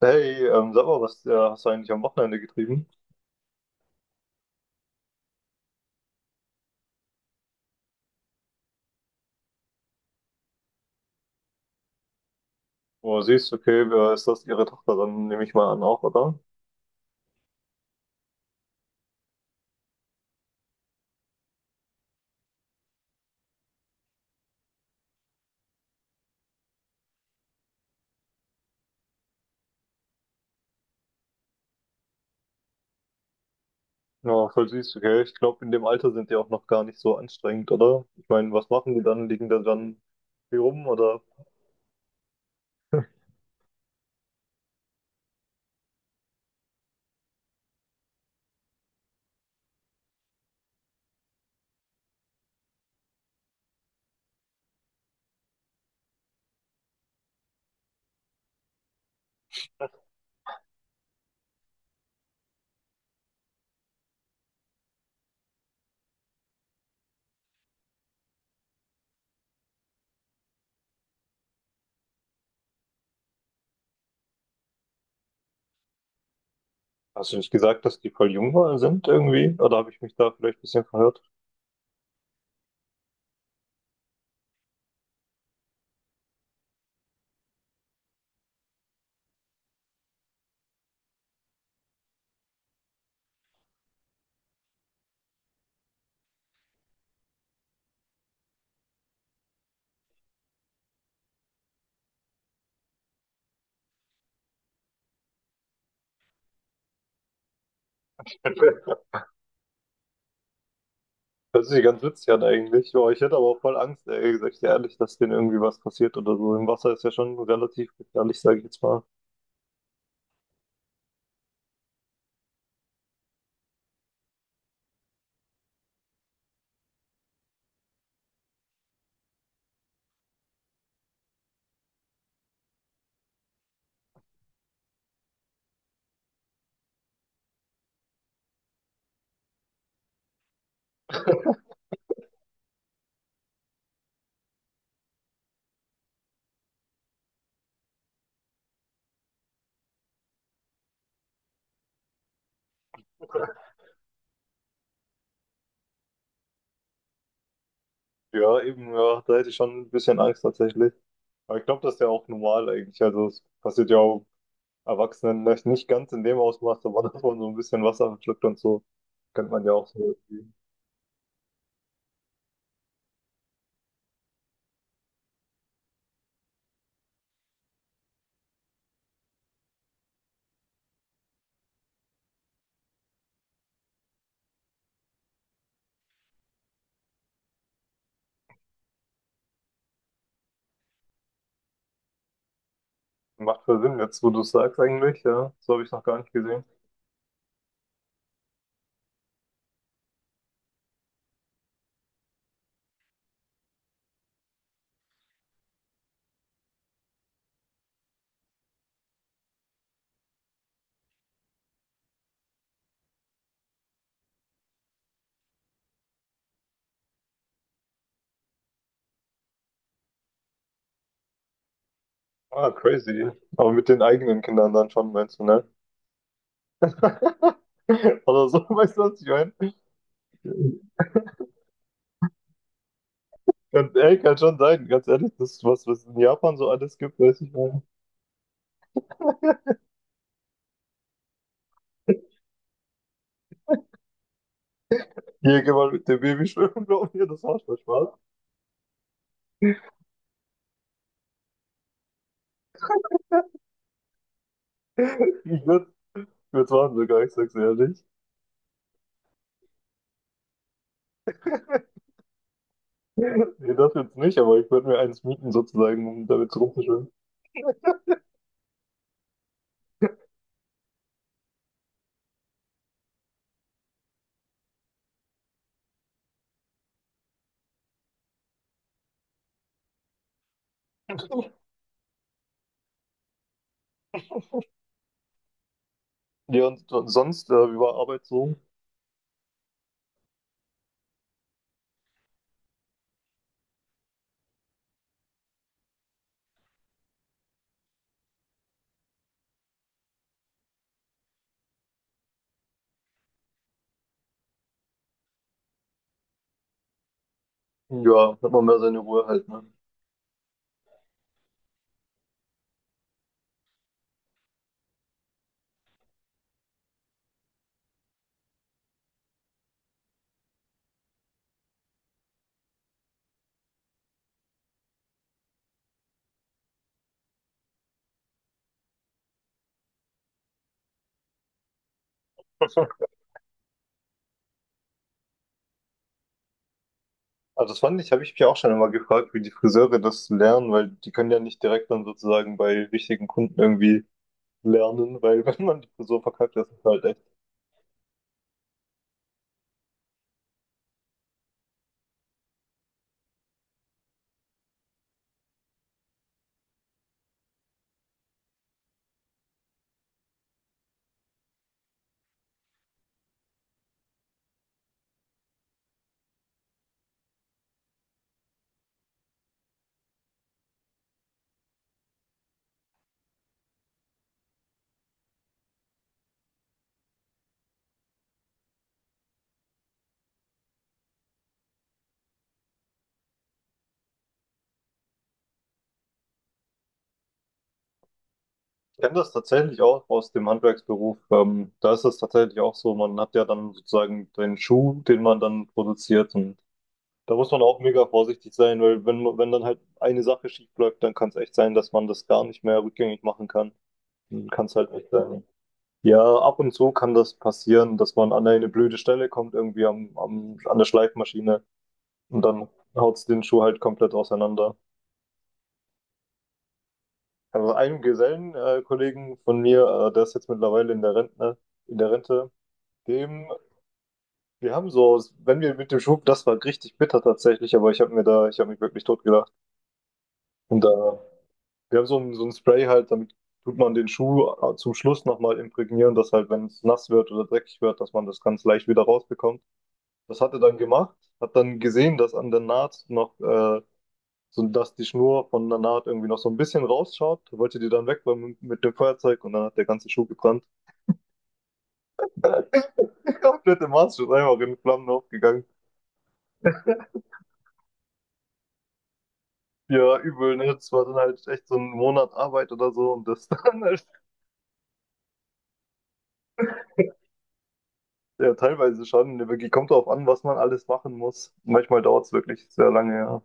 Hey, sag mal, was hast du eigentlich am Wochenende getrieben? Oh, siehst, okay, wer ist das? Ihre Tochter, dann nehme ich mal an auch, oder? Ja, voll süß, okay. Ich glaube, in dem Alter sind die auch noch gar nicht so anstrengend, oder? Ich meine, was machen die dann? Liegen da dann hier rum, oder? Hast du nicht gesagt, dass die voll sind irgendwie? Oder habe ich mich da vielleicht ein bisschen verhört? Das ist ja ganz witzig an eigentlich. Boah, ich hätte aber auch voll Angst, ehrlich gesagt, ehrlich, dass denen irgendwie was passiert oder so. Im Wasser ist ja schon relativ gefährlich, sage ich jetzt mal. Ja, eben, ja, da hätte ich schon ein bisschen Angst tatsächlich. Aber ich glaube, das ist ja auch normal eigentlich. Also es passiert ja auch Erwachsenen vielleicht nicht ganz in dem Ausmaß, aber dass man so ein bisschen Wasser verschluckt und so, kennt man ja auch so irgendwie. Macht voll Sinn jetzt, wo du es sagst eigentlich, ja. So habe ich es noch gar nicht gesehen. Ah, crazy. Aber mit den eigenen Kindern dann schon, meinst du, ne? Oder so, weißt du, was ich meine? Ganz ehrlich, kann schon sein, ganz ehrlich, das ist was, was es in Japan so alles gibt, weiß ich nicht. Hier, geh mal mit dem Baby schwimmen, glaub mir, das macht voll Spaß. Ich würde würd's machen sogar, ich sag's ehrlich. Nee, das jetzt nicht, aber ich würde mir eins mieten sozusagen, um damit rumzuschwimmen. Ja, und sonst, über Arbeit so, ja, hat man mehr seine Ruhe halt, ne? Also das fand ich, habe ich mich auch schon immer gefragt, wie die Friseure das lernen, weil die können ja nicht direkt dann sozusagen bei richtigen Kunden irgendwie lernen, weil wenn man die Frisur verkackt, das ist halt echt. Ich kenne das tatsächlich auch aus dem Handwerksberuf. Da ist es tatsächlich auch so, man hat ja dann sozusagen den Schuh, den man dann produziert und da muss man auch mega vorsichtig sein, weil wenn dann halt eine Sache schief läuft, dann kann es echt sein, dass man das gar nicht mehr rückgängig machen kann. Hm. Kann es halt echt sein. Ja, ab und zu kann das passieren, dass man an eine blöde Stelle kommt, irgendwie an der Schleifmaschine und dann haut es den Schuh halt komplett auseinander. Also einem Gesellenkollegen Kollegen von mir, der ist jetzt mittlerweile in der Rente, dem, wir haben so, wenn wir mit dem Schuh, das war richtig bitter tatsächlich, aber ich habe mir da, ich habe mich wirklich totgelacht. Und da wir haben so ein Spray halt, damit tut man den Schuh zum Schluss nochmal imprägnieren, dass halt, wenn es nass wird oder dreckig wird, dass man das ganz leicht wieder rausbekommt. Das hat er dann gemacht, hat dann gesehen, dass an der Naht noch, so, dass die Schnur von der Naht irgendwie noch so ein bisschen rausschaut, wollte die dann wegräumen mit dem Feuerzeug und dann hat der ganze Schuh gebrannt. Komplette Maß ist einfach in Flammen aufgegangen. Ja, übel, ne? Das war dann halt echt so ein Monat Arbeit oder so und das dann halt ja, teilweise schon. Wirklich kommt drauf an, was man alles machen muss. Manchmal dauert es wirklich sehr lange, ja.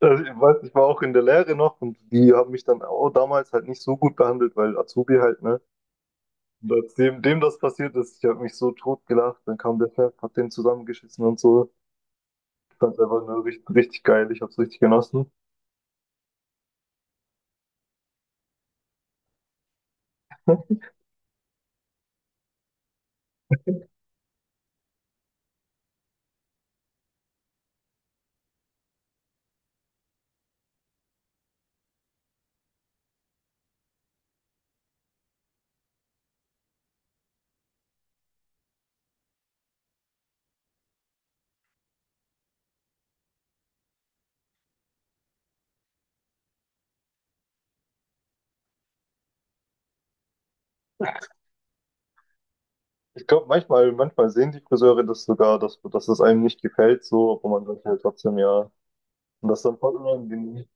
Also ich weiß, ich war auch in der Lehre noch und die haben mich dann auch damals halt nicht so gut behandelt, weil Azubi halt, ne? Und als dem das passiert ist, ich habe mich so tot gelacht, dann kam der Chef, hat den zusammengeschissen und so. Ich fand's einfach nur richtig geil, ich hab's richtig genossen. Ich glaube, manchmal sehen die Friseure das sogar, dass es einem nicht gefällt, so, aber man sagt halt trotzdem ja. Und das ist dann voll unangenehm.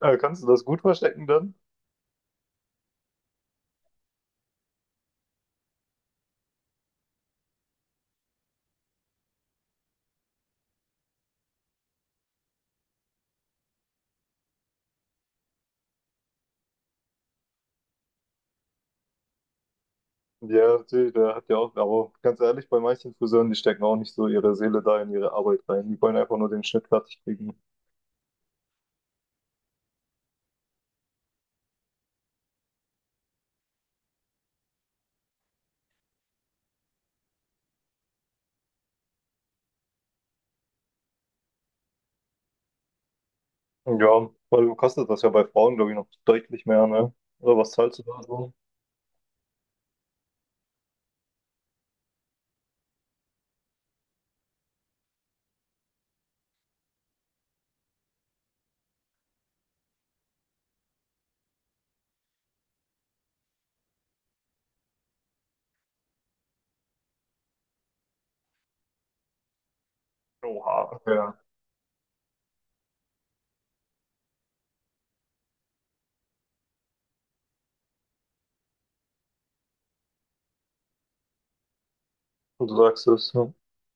Kannst du das gut verstecken dann? Ja, natürlich, der hat ja auch, aber ganz ehrlich, bei manchen Friseuren, die stecken auch nicht so ihre Seele da in ihre Arbeit rein. Die wollen einfach nur den Schnitt fertig kriegen. Ja, weil kostet das ja bei Frauen, glaube ich, noch deutlich mehr, ne? Oder was zahlst du da so? Oha, ja. Und du sagst es, ja.